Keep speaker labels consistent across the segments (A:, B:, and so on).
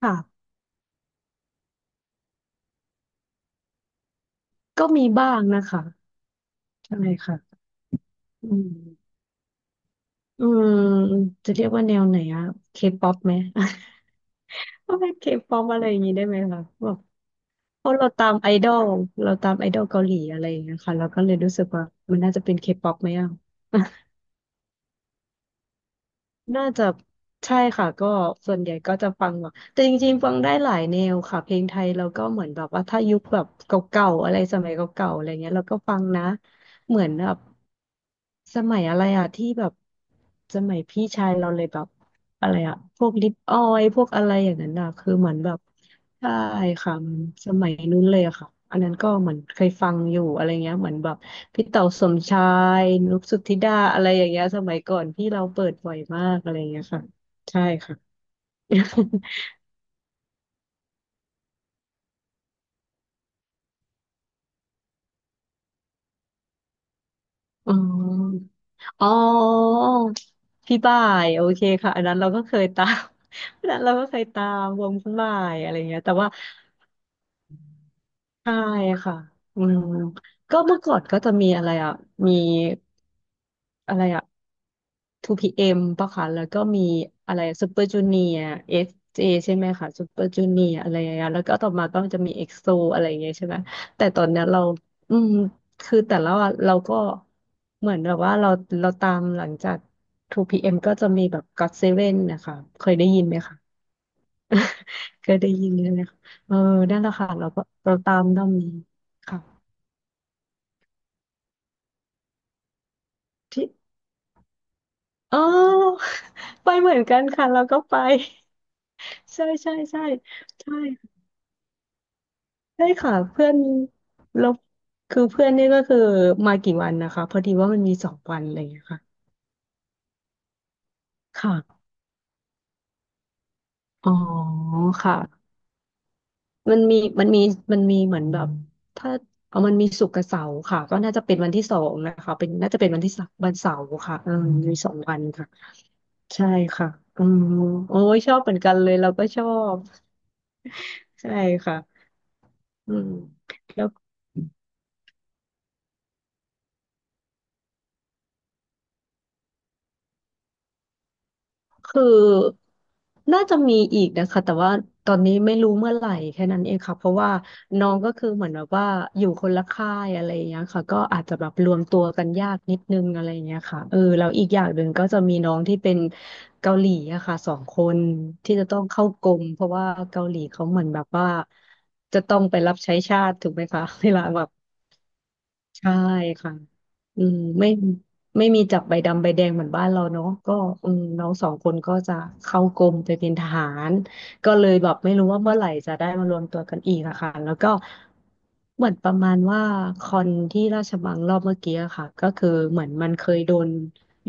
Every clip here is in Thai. A: ค่ะก็มีบ้างนะคะใช่ค่ะอืมอืมจะเรียกว่าแนวไหนอะเคป๊อปไหม ก็เป็นเคป๊อปอะไรอย่างนี้ได้ไหมคะแบบเพราะเราตามไอดอลเราตามไอดอลเกาหลีอะไรอย่างเงี้ยค่ะเราก็เลยรู้สึกว่ามันน่าจะเป็นเคป๊อปไหมอะ น่าจะใช่ค่ะก็ส่วนใหญ่ก็จะฟังแบบแต่จริงๆฟังได้หลายแนวค่ะเพลงไทยเราก็เหมือนแบบว่าถ้ายุคแบบเก่าๆอะไรสมัยเก่าๆอะไรเงี้ยเราก็ฟังนะเหมือนแบบสมัยอะไรอะที่แบบสมัยพี่ชายเราเลยแบบอะไรอะพวกลิปออยพวกอะไรอย่างนั้นอะคือเหมือนแบบ ใช่ค่ะมันสมัยนู้นเลยอะค่ะอันนั้นก็เหมือนเคยฟังอยู่อะไรเงี้ยเหมือนแบบพี่เต๋าสมชายนุกสุทธิดาอะไรอย่างเงี้ยสมัยก่อนพี่เราเปิดบ่อยมากอะไรเงี้ยค่ะใช่ค่ะ อ๋ออ๋อพี่บ่ายโอเคค่ะอันนั้นเราก็เคยตาม อันนั้นเราก็เคยตามวงพี่บ่ายอะไรเงี้ยแต่ว่า ใช่ค่ะอืมก็เมื่อก่อนก็จะมีอะไรอ่ะมีอะไรอ่ะ 2PM ปะคะแล้วก็มีอะไรซูเปอร์จูเนียร์ SJ ใช่ไหมคะซูเปอร์จูเนียร์อะไรอย่างเงี้ยแล้วก็ต่อมาก็จะมีเอ็กโซอะไรอย่างเงี้ยใช่ไหม แต่ตอนเนี้ยเราอืมคือแต่ละวันเราก็เหมือนแบบว่าเราตามหลังจาก 2PM ก็จะมีแบบก็ o เซเว่นนะคะเคยได้ยินไหมคะ เคยได้ยินเลยนะคะเออนั่นแหละค่ะเราก็เราตามด้อมนี้ค่ะที่อ๋อ ไปเหมือนกันค่ะเราก็ไป ใช่ใช่ใช่ใช่ใช่ค่ะเพื่อนเราคือเพื่อนนี่ก็คือมากี่วันนะคะพอดีว่ามันมีสองวันอะไรอย่างเงี้ยค่ะค่ะอ๋อค่ะมันมีมันมีมันมีเหมือนแบบถ้าเอามันมีศุกร์กับเสาร์ค่ะก็น่าจะเป็นวันที่สองนะคะเป็นน่าจะเป็นวันที่สามวันเสาร์ค่ะเออมีสองวันค่ะ ใช่ค่ะอืมโอ้ยชอบเหมือนกันเลยเราก็ชอบใช่ค่ะอืมแล้วคือน่าจะมีอีกนะคะแต่ว่าตอนนี้ไม่รู้เมื่อไหร่แค่นั้นเองค่ะเพราะว่าน้องก็คือเหมือนแบบว่าอยู่คนละค่ายอะไรอย่างเงี้ยค่ะก็อาจจะแบบรวมตัวกันยากนิดนึงอะไรอย่างเงี้ยค่ะเออแล้วอีกอย่างหนึ่งก็จะมีน้องที่เป็นเกาหลีอะค่ะสองคนที่จะต้องเข้ากรมเพราะว่าเกาหลีเขาเหมือนแบบว่าจะต้องไปรับใช้ชาติถูกไหมคะ เวลาแบบ ใช่ค่ะอืมไม่มีจับใบดำใบแดงเหมือนบ้านเราเนาะก็อืมน้องสองคนก็จะเข้ากรมไปเป็นทหารก็เลยแบบไม่รู้ว่าเมื่อไหร่จะได้มารวมตัวกันอีกอะค่ะแล้วก็เหมือนประมาณว่าคอนที่ราชบัลลังก์รอบเมื่อกี้อะค่ะก็คือเหมือนมันเคยโดน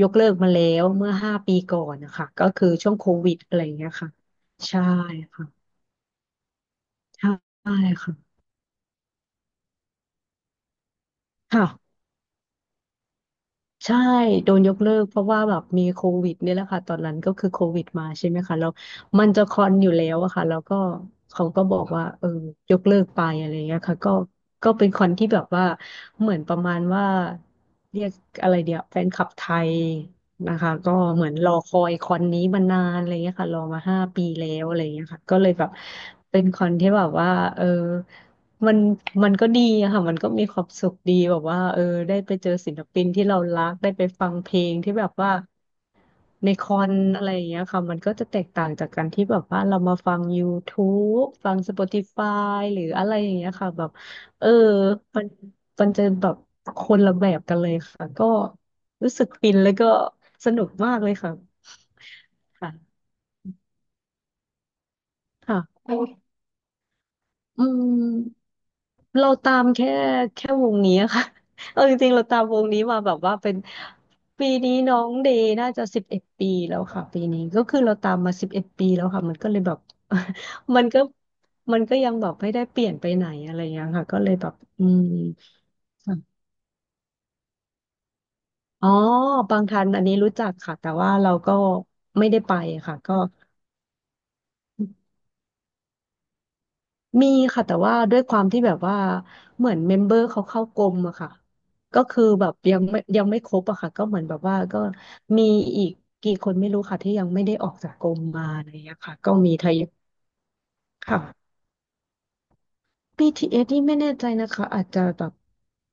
A: ยกเลิกมาแล้วเมื่อห้าปีก่อนนะคะก็คือช่วงโควิดอะไรอย่างเงี้ยค่ะใช่ค่ะใช่ค่ะค่ะ ใช่โดนยกเลิกเพราะว่าแบบมีโควิดเนี่ยแหละค่ะตอนนั้นก็คือโควิดมาใช่ไหมคะแล้วมันจะคอนอยู่แล้วอะค่ะแล้วก็เขาก็บอกว่าเออยกเลิกไปอะไรเงี้ยค่ะก็เป็นคอนที่แบบว่าเหมือนประมาณว่าเรียกอะไรเดียวแฟนคลับไทยนะคะก็เหมือนรอคอยคอนนี้มานานอะไรเงี้ยค่ะรอมาห้าปีแล้วอะไรเงี้ยค่ะก็เลยแบบเป็นคอนที่แบบว่าเออ มันมันก็ดีอะค่ะมันก็มีความสุขดีแบบว่าเออได้ไปเจอศิลปินที่เรารักได้ไปฟังเพลงที่แบบว่าในคอนอะไรอย่างเงี้ยค่ะมันก็จะแตกต่างจากการที่แบบว่าเรามาฟัง YouTube ฟัง Spotify หรืออะไรอย่างเงี้ยค่ะแบบเออมันมันจะแบบคนละแบบกันเลยค่ะก็รู้สึกฟินแล้วก็สนุกมากเลยค่ะค่ะค่ะอืม เราตามแค่วงนี้อะค่ะ เอาจริงๆเราตามวงนี้มาแบบว่าเป็นปีนี้น้องเดย์น่าจะสิบเอ็ดปีแล้วค่ะปีนี้ก็คือเราตามมาสิบเอ็ดปีแล้วค่ะมันก็เลยแบบ มันก็ยังแบบไม่ได้เปลี่ยนไปไหนอะไรอย่างเงี้ยค่ะก็เลยแบบอืมค่ะอ๋อบางทันอันนี้รู้จักค่ะแต่ว่าเราก็ไม่ได้ไปค่ะก็ มีค่ะแต่ว่าด้วยความที่แบบว่าเหมือนเมมเบอร์เขาเข้ากรมอะค่ะก็คือแบบยังไม่ครบอะค่ะก็เหมือนแบบว่าก็มีอีกกี่คนไม่รู้ค่ะที่ยังไม่ได้ออกจากกรมมาอะไรอย่างเงี้ยค่ะก็มีทยอยค่ะ BTS นี่ไม่แน่ใจนะคะอาจจะแบบ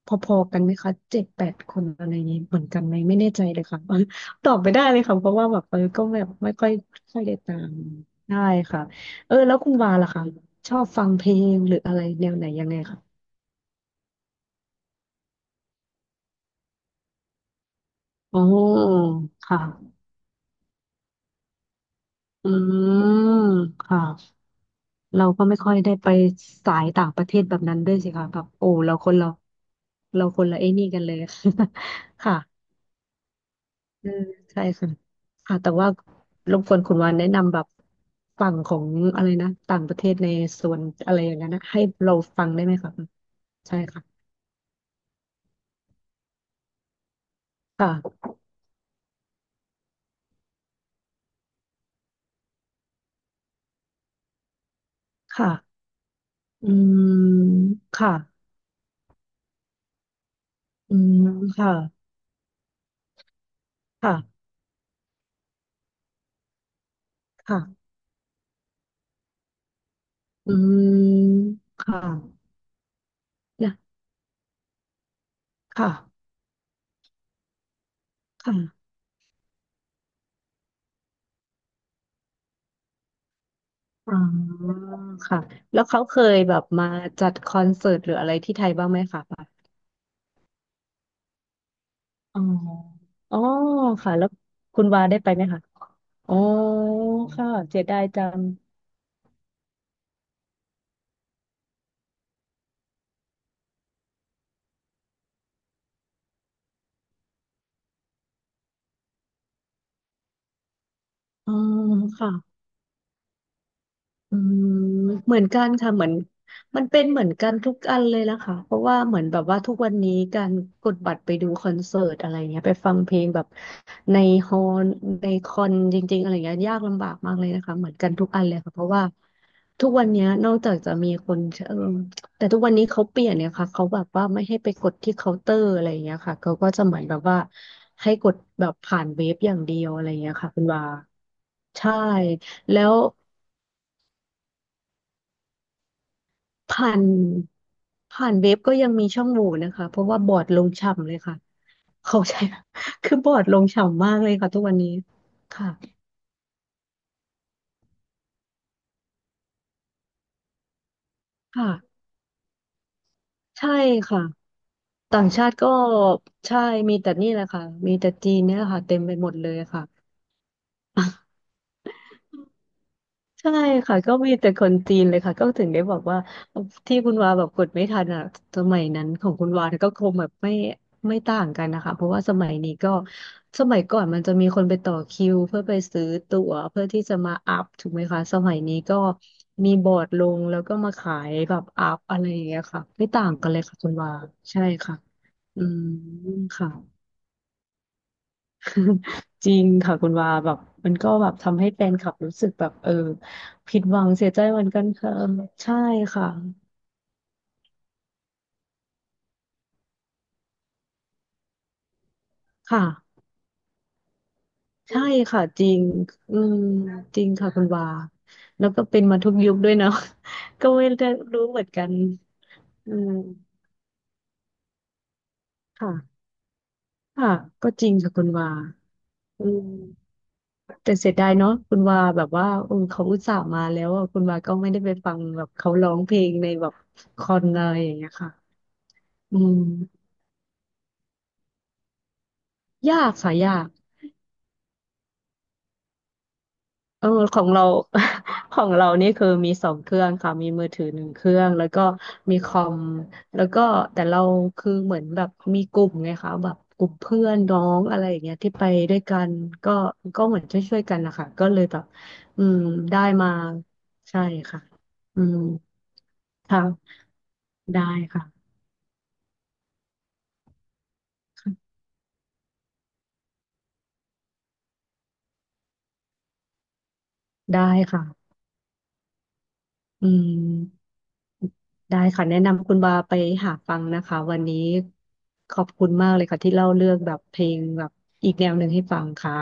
A: พอๆกันไหมคะ7-8 คนอะไรอย่างนี้เหมือนกันไหมไม่แน่ใจเลยค่ะ ตอบไม่ได้เลยค่ะเพราะว่าแบบก็แบบไม่ค่อยค่อยได้ตามได้ค่ะเออแล้วคุณวาล่ะคะชอบฟังเพลงหรืออะไรแนวไหนยังไงคะ โอ้ค่ะอืมค่ะเราก็ไม่ค่อยได้ไปสายต่างประเทศแบบนั้นด้วยสิคะแบบโอ้เราเราคนละไอ้นี่กันเลย ค่ะเอืมใช่ค่ะค่ะแต่ว่ารบกวนคุณวานแนะนำแบบฝั่งของอะไรนะต่างประเทศในส่วนอะไรอย่างนั้นนะให้เราฟังได้ไหมคะใช่ค่ะค่ะค่ะอืมค่ะอืมค่ะค่ะค่ะอืมค่ะนะค่ะ ค่ะอ๋อค่ะ แล้วเขาเคยแบบมาจัดคอนเสิร์ตหรืออะไรที่ไทยบ้างไหมคะปบอ๋ออ๋อ ค่ะ แล้วคุณวาได้ไปไหมคะอ๋อ ค่ะเสียดายจังอ๋อ ค่ะ อืมเหมือนกันค่ะเหมือนมันเป็นเหมือนกันทุกอันเลยนะคะเพราะว่าเหมือนแบบว่าทุกวันนี้การกดบัตรไปดูคอนเสิร์ตอะไรเงี้ยไปฟังเพลงแบบในฮอลในคอนจริงๆอะไรเงี้ยยากลำบากมากเลยนะคะเหมือนกันทุกอันเลยค่ะเพราะว่าทุกวันเนี้ยนอกจากจะมีคนเออแต่ทุกวันนี้เขาเปลี่ยนเนี่ยค่ะเขาแบบว่าไม่ให้ไปกดที่เคาน์เตอร์อะไรเงี้ยค่ะเขาก็จะเหมือนแบบว่าให้กดแบบผ่านเว็บอย่างเดียวอะไรเงี้ยค่ะคุณว่าใช่แล้ว ผ่านผ่านเว็บก็ยังมีช่องโหว่นะคะเพราะว่าบอร์ดลงฉ่ำเลยค่ะเขาใช้ คือบอร์ดลงฉ่ำมากเลยค่ะทุกวันนี้ค่ะค่ะใช่ค่ะต่างชาติก็ใช่มีแต่นี่แหละค่ะมีแต่จีนเนี่ยแหละค่ะเต็มไปหมดเลยค่ะ ใช่ค่ะก็มีแต่คนจีนเลยค่ะก็ถึงได้บอกว่าที่คุณวาแบบกดไม่ทันอ่ะสมัยนั้นของคุณวาก็คงแบบไม่ต่างกันนะคะเพราะว่าสมัยนี้ก็สมัยก่อนมันจะมีคนไปต่อคิวเพื่อไปซื้อตั๋วเพื่อที่จะมาอัพถูกไหมคะสมัยนี้ก็มีบอร์ดลงแล้วก็มาขายแบบอัพอะไรอย่างเงี้ยค่ะไม่ต่างกันเลยค่ะคุณวาใช่ค่ะอืมค่ะ จริงค่ะคุณวาแบบมันก็แบบทำให้แฟนคลับรู้สึกแบบเออผิดหวังเสียใจเหมือนกันค่ะเออใช่ค่ะค่ะใช่ค่ะจริงอืมจริงค่ะคุณวาแล้วก็เป็นมาทุกยุคด้วยเนาะ ก็ไม่ได้รู้เหมือนกันอืมค่ะค่ะก็จริงค่ะคุณวาอืมแต่เสียดายเนาะคุณวาแบบว่าเออเขาอุตส่าห์มาแล้วอะคุณวาก็ไม่ได้ไปฟังแบบเขาร้องเพลงในแบบคอนอะไรอย่างเงี้ยค่ะอืมยากค่ะยาก เออของเรา ของเรานี่คือมี2 เครื่องค่ะมีมือถือ 1 เครื่องแล้วก็มีคอมแล้วก็แต่เราคือเหมือนแบบมีกลุ่มไงคะแบบกลุ่มเพื่อนน้องอะไรอย่างเงี้ยที่ไปด้วยกันก็ก็เหมือนช่วยๆกันนะคะก็เลยแบบอืมได้มาใช่ค่ะอืมค่ะได้ค่ะได้ค่ะอืม ได้ค่ะแนะนำคุณบาไปหาฟังนะคะวันนี้ขอบคุณมากเลยค่ะที่เล่าเรื่องแบบเพลงแบบอีกแนวหนึ่งให้ฟังค่ะ